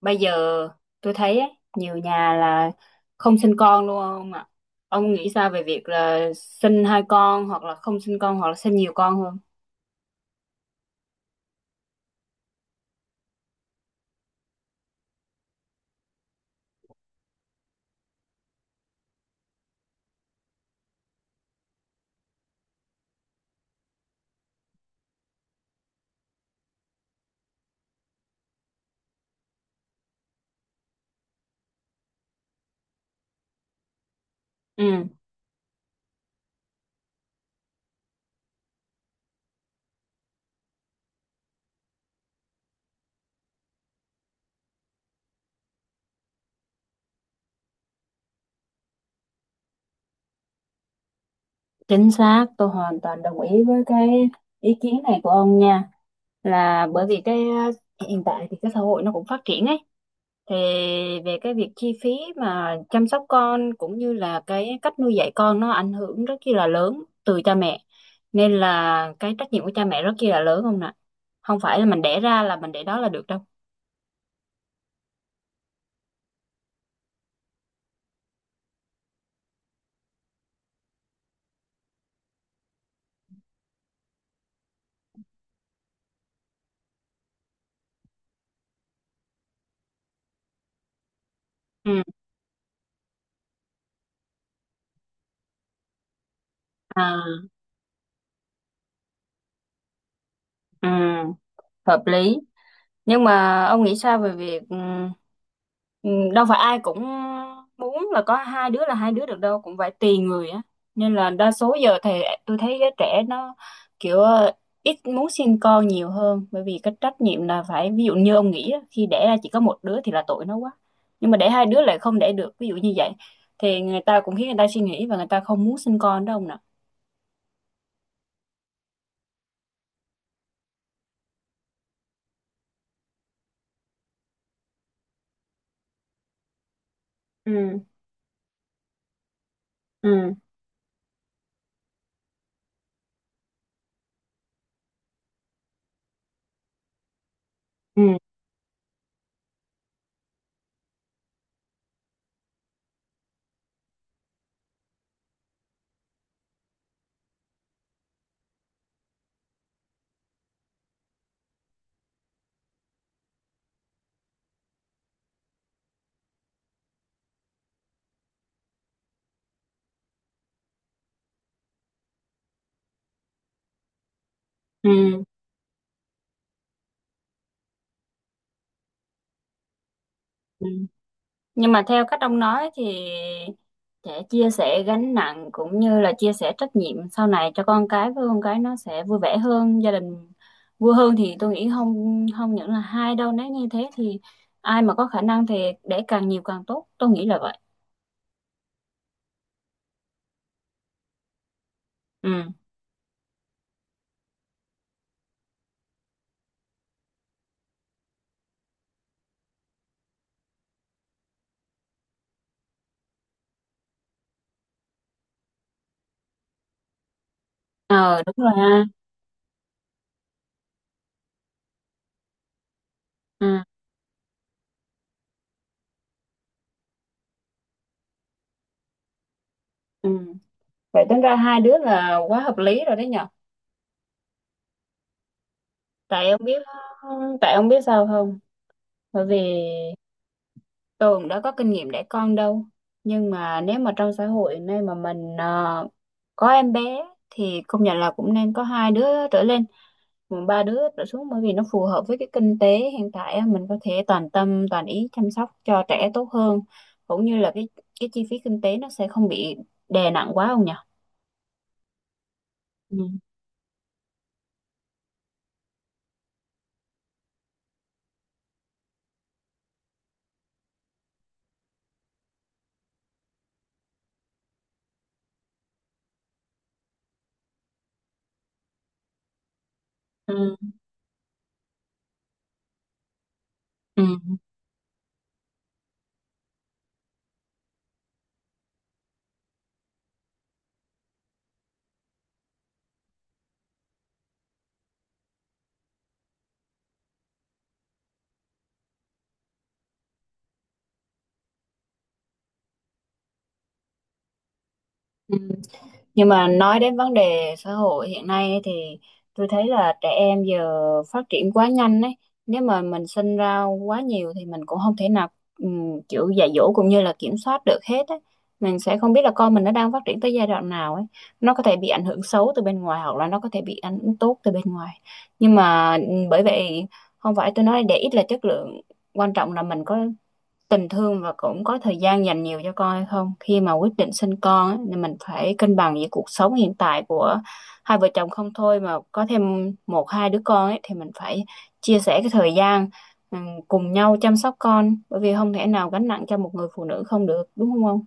Bây giờ tôi thấy á, nhiều nhà là không sinh con luôn ông ạ. Ông nghĩ sao về việc là sinh hai con hoặc là không sinh con hoặc là sinh nhiều con hơn? Ừ. Chính xác, tôi hoàn toàn đồng ý với cái ý kiến này của ông nha. Là bởi vì cái hiện tại thì cái xã hội nó cũng phát triển ấy. Thì về cái việc chi phí mà chăm sóc con cũng như là cái cách nuôi dạy con nó ảnh hưởng rất là lớn từ cha mẹ. Nên là cái trách nhiệm của cha mẹ rất là lớn không nè. Không phải là mình đẻ ra là mình để đó là được đâu. Ừ. À, ừ, hợp lý. Nhưng mà ông nghĩ sao về việc đâu phải ai cũng muốn là có hai đứa là hai đứa được đâu, cũng phải tùy người á, nên là đa số giờ thì tôi thấy giới trẻ nó kiểu ít muốn sinh con nhiều hơn, bởi vì cái trách nhiệm là phải ví dụ như ông nghĩ á, khi đẻ ra chỉ có một đứa thì là tội nó quá, nhưng mà đẻ hai đứa lại không đẻ được ví dụ như vậy, thì người ta cũng khiến người ta suy nghĩ và người ta không muốn sinh con đâu ông nè. Ừ. Ừ. Ừ. Ừ. Ừ. Nhưng mà theo cách ông nói thì sẽ chia sẻ gánh nặng cũng như là chia sẻ trách nhiệm sau này cho con cái, với con cái nó sẽ vui vẻ hơn, gia đình vui hơn, thì tôi nghĩ không không những là hai đâu, nếu như thế thì ai mà có khả năng thì để càng nhiều càng tốt, tôi nghĩ là vậy. Ừ. Ờ đúng rồi ha. Ừ. Ừ. Vậy tính ra hai đứa là quá hợp lý rồi đấy nhở. Tại ông biết, tại ông biết sao không? Bởi vì Tường đã có kinh nghiệm đẻ con đâu, nhưng mà nếu mà trong xã hội nay mà mình có em bé thì công nhận là cũng nên có hai đứa trở lên mà ba đứa trở xuống, bởi vì nó phù hợp với cái kinh tế hiện tại á, mình có thể toàn tâm toàn ý chăm sóc cho trẻ tốt hơn, cũng như là cái chi phí kinh tế nó sẽ không bị đè nặng quá không nhỉ. Ừ. Ừ. Ừ. Ừ. Nhưng mà nói đến vấn đề xã hội hiện nay ấy thì tôi thấy là trẻ em giờ phát triển quá nhanh ấy. Nếu mà mình sinh ra quá nhiều thì mình cũng không thể nào kiểu dạy dỗ cũng như là kiểm soát được hết ấy. Mình sẽ không biết là con mình nó đang phát triển tới giai đoạn nào ấy. Nó có thể bị ảnh hưởng xấu từ bên ngoài hoặc là nó có thể bị ảnh hưởng tốt từ bên ngoài. Nhưng mà bởi vậy không phải tôi nói để ít là chất lượng, quan trọng là mình có tình thương và cũng có thời gian dành nhiều cho con hay không, khi mà quyết định sinh con á, thì mình phải cân bằng giữa cuộc sống hiện tại của hai vợ chồng không thôi mà có thêm một hai đứa con ấy, thì mình phải chia sẻ cái thời gian, ừ, cùng nhau chăm sóc con, bởi vì không thể nào gánh nặng cho một người phụ nữ không được đúng không không.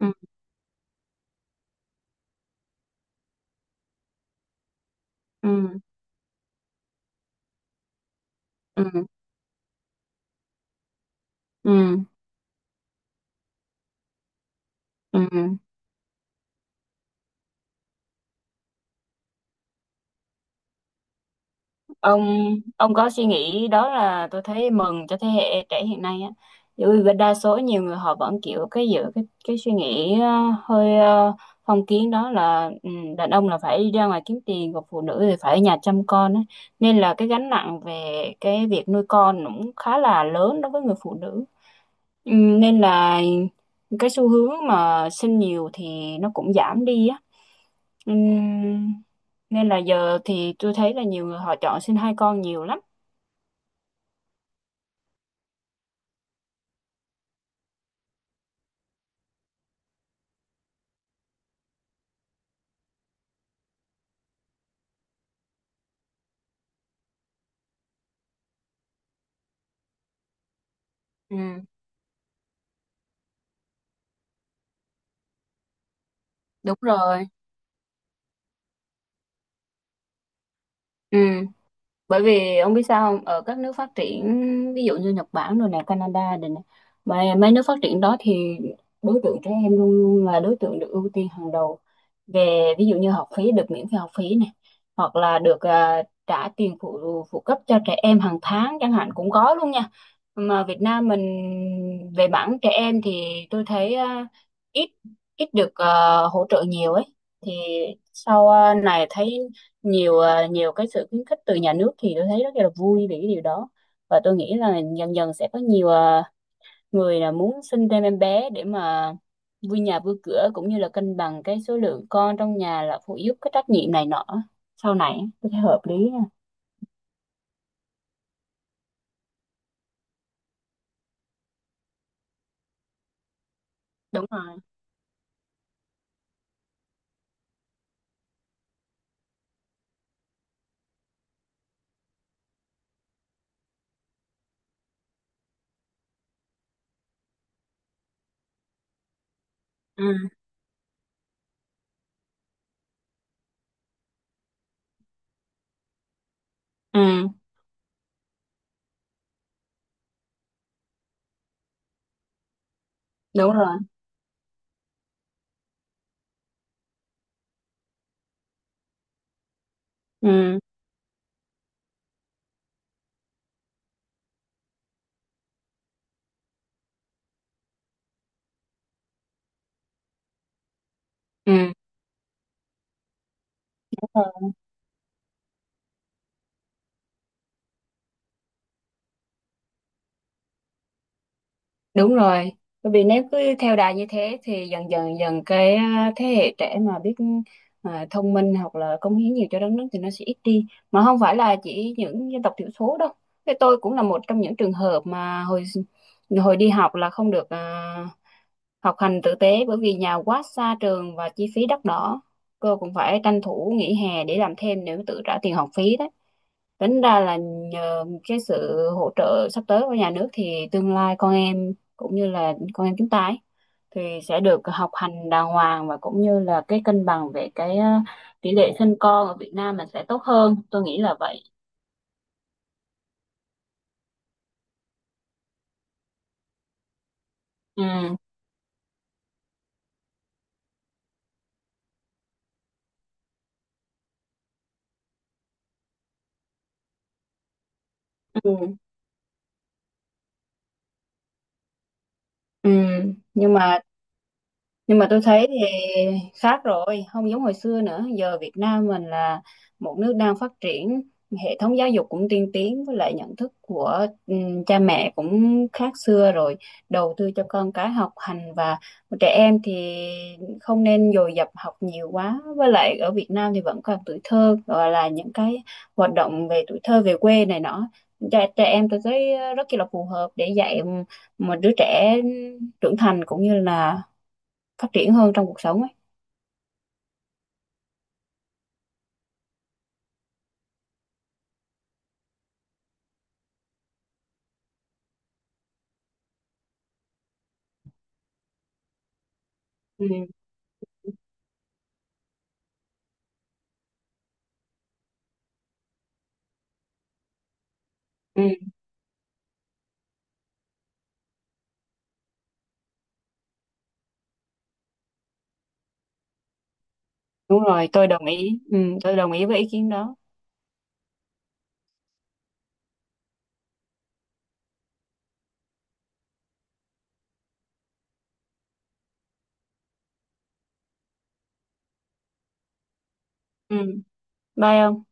Ừ. Ừ. Ừ. Ừ. Ừ. ông ông có suy nghĩ đó là tôi thấy mừng cho thế hệ trẻ hiện nay á, bởi vì đa số nhiều người họ vẫn kiểu cái giữ cái suy nghĩ hơi phong kiến, đó là ừ, đàn ông là phải đi ra ngoài kiếm tiền còn phụ nữ thì phải ở nhà chăm con á, nên là cái gánh nặng về cái việc nuôi con cũng khá là lớn đối với người phụ nữ. Ừ, nên là cái xu hướng mà sinh nhiều thì nó cũng giảm đi á. Ừ, nên là giờ thì tôi thấy là nhiều người họ chọn sinh hai con nhiều lắm. Ừ, đúng rồi. Ừ, bởi vì ông biết sao không? Ở các nước phát triển, ví dụ như Nhật Bản rồi nè, Canada rồi nè, mà mấy nước phát triển đó thì đối tượng trẻ em luôn luôn là đối tượng được ưu tiên hàng đầu, về ví dụ như học phí được miễn phí học phí này, hoặc là được trả tiền phụ phụ cấp cho trẻ em hàng tháng chẳng hạn cũng có luôn nha. Mà Việt Nam mình về mảng trẻ em thì tôi thấy ít ít được hỗ trợ nhiều ấy, thì sau à, này thấy nhiều nhiều cái sự khuyến khích từ nhà nước thì tôi thấy rất là vui về cái điều đó, và tôi nghĩ là dần dần sẽ có nhiều người là muốn sinh thêm em bé để mà vui nhà vui cửa, cũng như là cân bằng cái số lượng con trong nhà là phụ giúp cái trách nhiệm này nọ, sau này tôi thấy hợp lý nha. Đúng rồi. Ừ. Ừ. Đúng rồi. Ừ. Ừ. Đúng rồi. Đúng rồi. Bởi vì nếu cứ theo đà như thế thì dần dần dần cái thế hệ trẻ mà biết thông minh hoặc là cống hiến nhiều cho đất nước thì nó sẽ ít đi, mà không phải là chỉ những dân tộc thiểu số đâu. Thế tôi cũng là một trong những trường hợp mà hồi hồi đi học là không được học hành tử tế, bởi vì nhà quá xa trường và chi phí đắt đỏ. Cô cũng phải tranh thủ nghỉ hè để làm thêm nếu tự trả tiền học phí đấy. Tính ra là nhờ cái sự hỗ trợ sắp tới của nhà nước thì tương lai con em cũng như là con em chúng ta ấy, thì sẽ được học hành đàng hoàng và cũng như là cái cân bằng về cái tỷ lệ sinh con ở Việt Nam mình sẽ tốt hơn. Tôi nghĩ là vậy. Ừ. Ừ. Ừ. Nhưng mà nhưng mà tôi thấy thì khác rồi, không giống hồi xưa nữa, giờ Việt Nam mình là một nước đang phát triển, hệ thống giáo dục cũng tiên tiến, với lại nhận thức của cha mẹ cũng khác xưa rồi, đầu tư cho con cái học hành, và trẻ em thì không nên dồn dập học nhiều quá, với lại ở Việt Nam thì vẫn còn tuổi thơ, gọi là những cái hoạt động về tuổi thơ về quê này nọ, trẻ em tôi thấy rất là phù hợp để dạy một đứa trẻ trưởng thành cũng như là phát triển hơn trong cuộc sống ấy. Ừ, ừ, đúng rồi tôi đồng ý. Ừ, tôi đồng ý với ý kiến đó. Ừ. Bye ông.